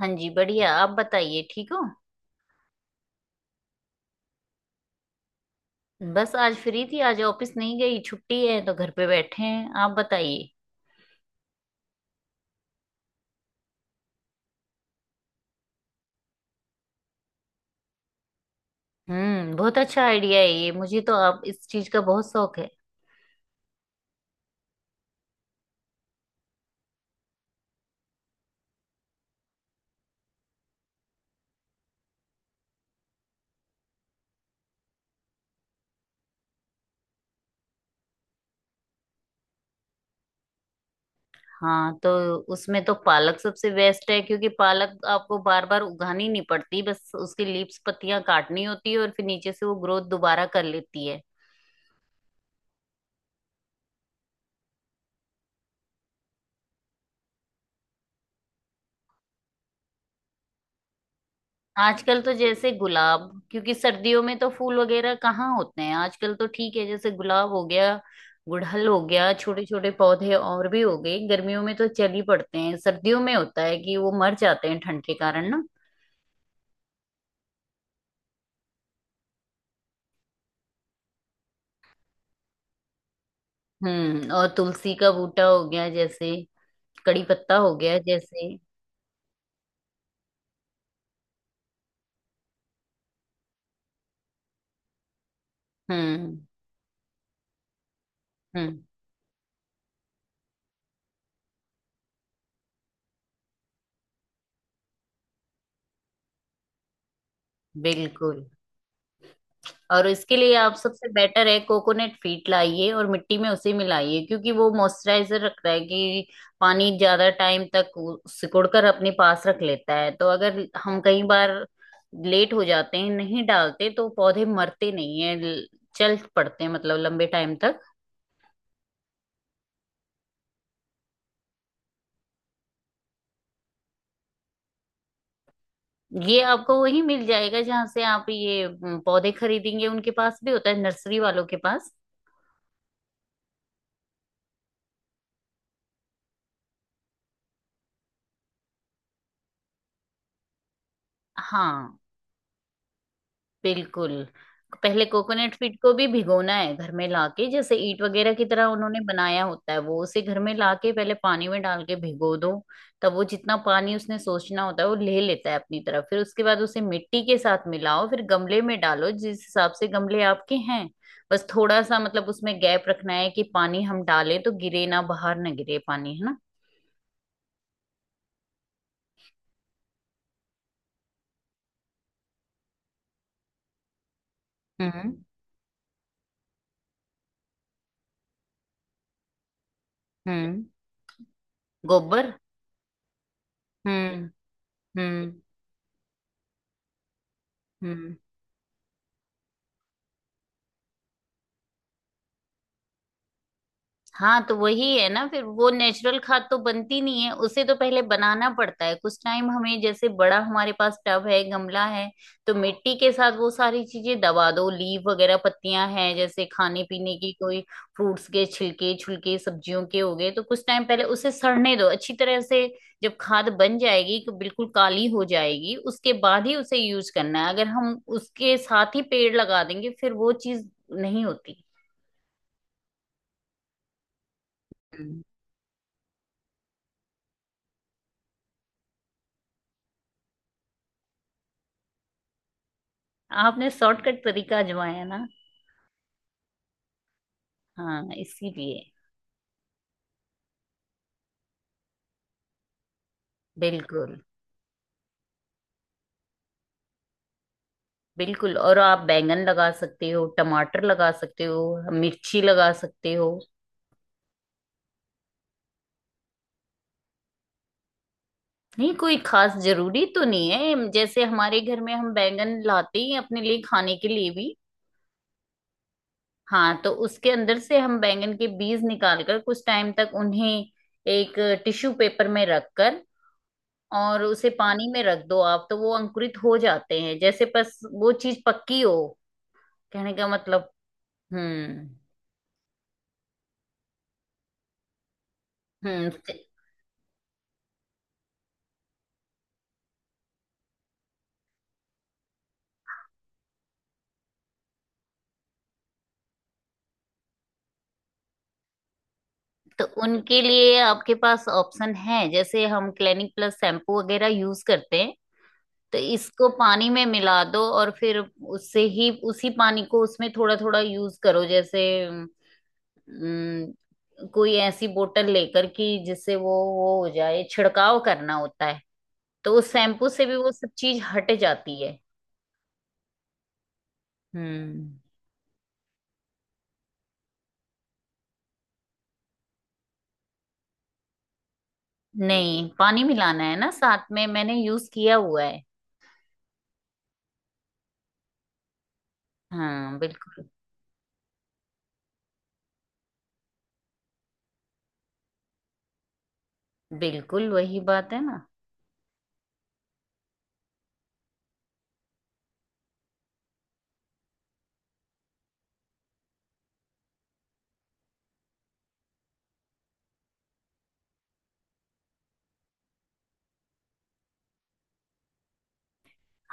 हाँ जी बढ़िया। आप बताइए ठीक हो। बस आज फ्री थी, आज ऑफिस नहीं गई, छुट्टी है तो घर पे बैठे हैं। आप बताइए। हम्म, बहुत अच्छा आइडिया है ये। मुझे तो आप इस चीज का बहुत शौक है। हाँ तो उसमें तो पालक सबसे बेस्ट है, क्योंकि पालक आपको बार बार उगानी नहीं पड़ती, बस उसकी लीव्स पत्तियां काटनी होती है और फिर नीचे से वो ग्रोथ दोबारा कर लेती है। आजकल तो जैसे गुलाब, क्योंकि सर्दियों में तो फूल वगैरह कहाँ होते हैं। आजकल तो ठीक है, जैसे गुलाब हो गया, गुड़हल हो गया, छोटे छोटे पौधे और भी हो गए। गर्मियों में तो चल ही पड़ते हैं, सर्दियों में होता है कि वो मर जाते हैं ठंड के कारण ना। हम्म, और तुलसी का बूटा हो गया जैसे, कड़ी पत्ता हो गया जैसे। हम्म। हम्म। बिल्कुल। और इसके लिए आप सबसे बेटर है, कोकोनट फीट लाइए और मिट्टी में उसे मिलाइए, क्योंकि वो मॉइस्चराइजर रखता है कि पानी ज्यादा टाइम तक वो सिकुड़कर अपने पास रख लेता है। तो अगर हम कई बार लेट हो जाते हैं, नहीं डालते, तो पौधे मरते नहीं है, चल पड़ते हैं, मतलब लंबे टाइम तक। ये आपको वही मिल जाएगा, जहां से आप ये पौधे खरीदेंगे, उनके पास भी होता है, नर्सरी वालों के पास। हाँ। बिल्कुल। पहले कोकोनट फीड को भी भिगोना है, घर में लाके जैसे ईंट वगैरह की तरह उन्होंने बनाया होता है, वो उसे घर में लाके पहले पानी में डाल के भिगो दो। तब वो जितना पानी उसने सोचना होता है वो ले लेता है अपनी तरफ। फिर उसके बाद उसे मिट्टी के साथ मिलाओ, फिर गमले में डालो जिस हिसाब से गमले आपके हैं। बस थोड़ा सा मतलब उसमें गैप रखना है, कि पानी हम डालें तो गिरे ना, बाहर ना गिरे पानी, है ना। हम्म। हम्म। गोबर। हम्म। हम्म। हम्म। हाँ तो वही है ना, फिर वो नेचुरल खाद तो बनती नहीं है, उसे तो पहले बनाना पड़ता है, कुछ टाइम हमें जैसे बड़ा हमारे पास टब है, गमला है, तो मिट्टी के साथ वो सारी चीजें दबा दो। लीव वगैरह पत्तियां हैं जैसे, खाने पीने की कोई फ्रूट्स के छिलके छुलके सब्जियों के हो गए, तो कुछ टाइम पहले उसे सड़ने दो अच्छी तरह से। जब खाद बन जाएगी तो बिल्कुल काली हो जाएगी, उसके बाद ही उसे यूज करना है। अगर हम उसके साथ ही पेड़ लगा देंगे, फिर वो चीज नहीं होती। आपने शॉर्टकट तरीका आजमाया ना। हाँ इसीलिए। बिल्कुल। बिल्कुल। और आप बैंगन लगा सकते हो, टमाटर लगा सकते हो, मिर्ची लगा सकते हो। नहीं, कोई खास जरूरी तो नहीं है, जैसे हमारे घर में हम बैंगन लाते ही हैं अपने लिए खाने के लिए भी। हाँ तो उसके अंदर से हम बैंगन के बीज निकाल कर कुछ टाइम तक उन्हें एक टिश्यू पेपर में रखकर और उसे पानी में रख दो आप, तो वो अंकुरित हो जाते हैं जैसे, बस वो चीज पक्की हो। कहने का मतलब। हम्म। हम्म। तो उनके लिए आपके पास ऑप्शन है, जैसे हम क्लिनिक प्लस शैम्पू वगैरह यूज करते हैं, तो इसको पानी में मिला दो और फिर उससे ही, उसी पानी को उसमें थोड़ा थोड़ा यूज करो, जैसे अम, कोई ऐसी बोतल लेकर, कि जिससे वो हो जाए, छिड़काव करना होता है। तो उस शैम्पू से भी वो सब चीज हट जाती है। हम्म। नहीं, पानी मिलाना है ना साथ में, मैंने यूज किया हुआ है। हाँ बिल्कुल। बिल्कुल वही बात है ना।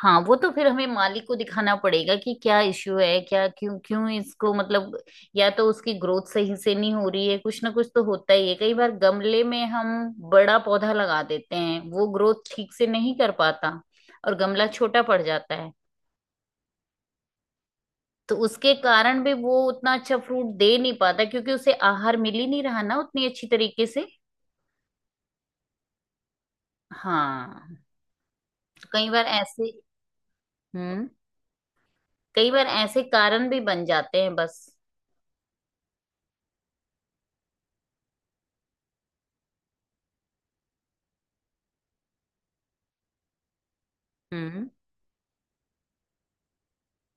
हाँ वो तो फिर हमें मालिक को दिखाना पड़ेगा कि क्या इश्यू है, क्या, क्यों क्यों इसको मतलब। या तो उसकी ग्रोथ सही से नहीं हो रही है, कुछ ना कुछ तो होता ही है। कई बार गमले में हम बड़ा पौधा लगा देते हैं, वो ग्रोथ ठीक से नहीं कर पाता और गमला छोटा पड़ जाता है। तो उसके कारण भी वो उतना अच्छा फ्रूट दे नहीं पाता, क्योंकि उसे आहार मिल ही नहीं रहा ना उतनी अच्छी तरीके से। हाँ। तो कई बार ऐसे। हम्म। कई बार ऐसे कारण भी बन जाते हैं बस। हम्म।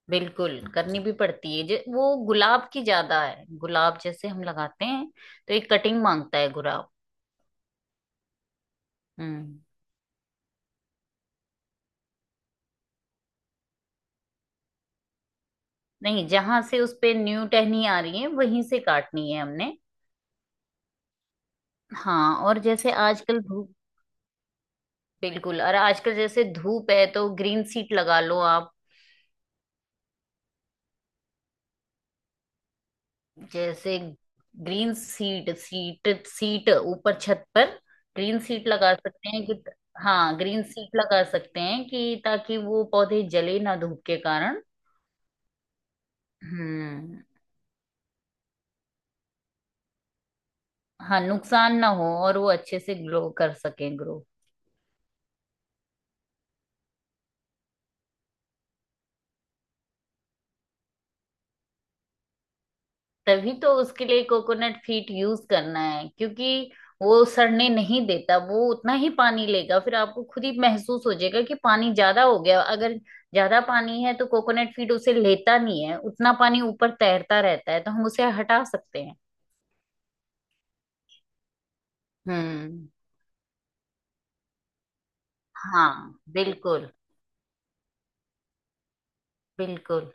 बिल्कुल करनी भी पड़ती है, जे वो गुलाब की ज्यादा है, गुलाब जैसे हम लगाते हैं तो एक कटिंग मांगता है गुलाब। हम्म। नहीं, जहां से उस पे न्यू टहनी आ रही है वहीं से काटनी है हमने। हाँ। और जैसे आजकल धूप। बिल्कुल। और आजकल जैसे धूप है, तो ग्रीन सीट लगा लो आप। जैसे ग्रीन सीट सीट सीट, ऊपर छत पर। ग्रीन सीट लगा सकते हैं कि। हाँ, ग्रीन सीट लगा सकते हैं कि, ताकि वो पौधे जले ना धूप के कारण। हम्म। हाँ, नुकसान ना हो और वो अच्छे से ग्लो कर सकें, ग्रो। तभी तो उसके लिए कोकोनट फीट यूज करना है, क्योंकि वो सड़ने नहीं देता, वो उतना ही पानी लेगा। फिर आपको खुद ही महसूस हो जाएगा कि पानी ज्यादा हो गया। अगर ज्यादा पानी है तो कोकोनट फीट उसे लेता नहीं है, उतना पानी ऊपर तैरता रहता है तो हम उसे हटा सकते हैं। हम्म। हाँ बिल्कुल। बिल्कुल।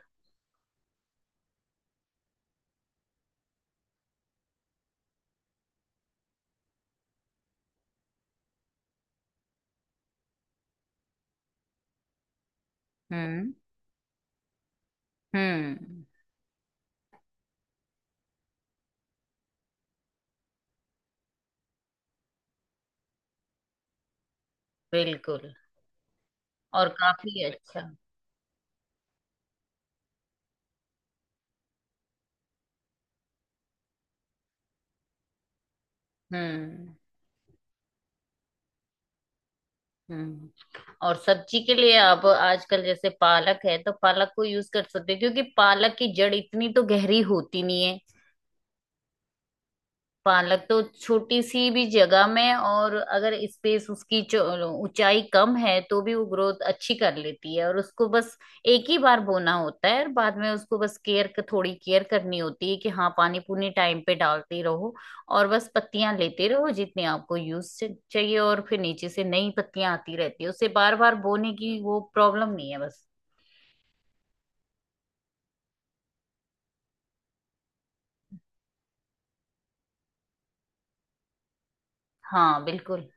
हम्म। हम्म। बिल्कुल। और काफी अच्छा। हम्म। हम्म। और सब्जी के लिए आप आजकल जैसे पालक है, तो पालक को यूज कर सकते हो, क्योंकि पालक की जड़ इतनी तो गहरी होती नहीं है। पालक तो छोटी सी भी जगह में, और अगर स्पेस उसकी ऊंचाई कम है तो भी वो ग्रोथ अच्छी कर लेती है। और उसको बस एक ही बार बोना होता है, और बाद में उसको बस केयर, थोड़ी केयर करनी होती है कि हाँ पानी पूनी टाइम पे डालते रहो और बस पत्तियां लेते रहो जितनी आपको यूज चाहिए, और फिर नीचे से नई पत्तियां आती रहती है, उसे बार बार बोने की वो प्रॉब्लम नहीं है बस। हाँ बिल्कुल।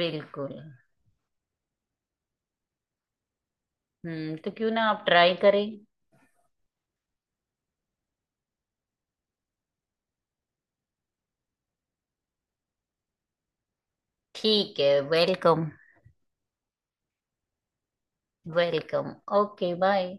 बिल्कुल। हम्म। तो क्यों ना आप ट्राई करें। ठीक है, वेलकम। Welcome, okay bye.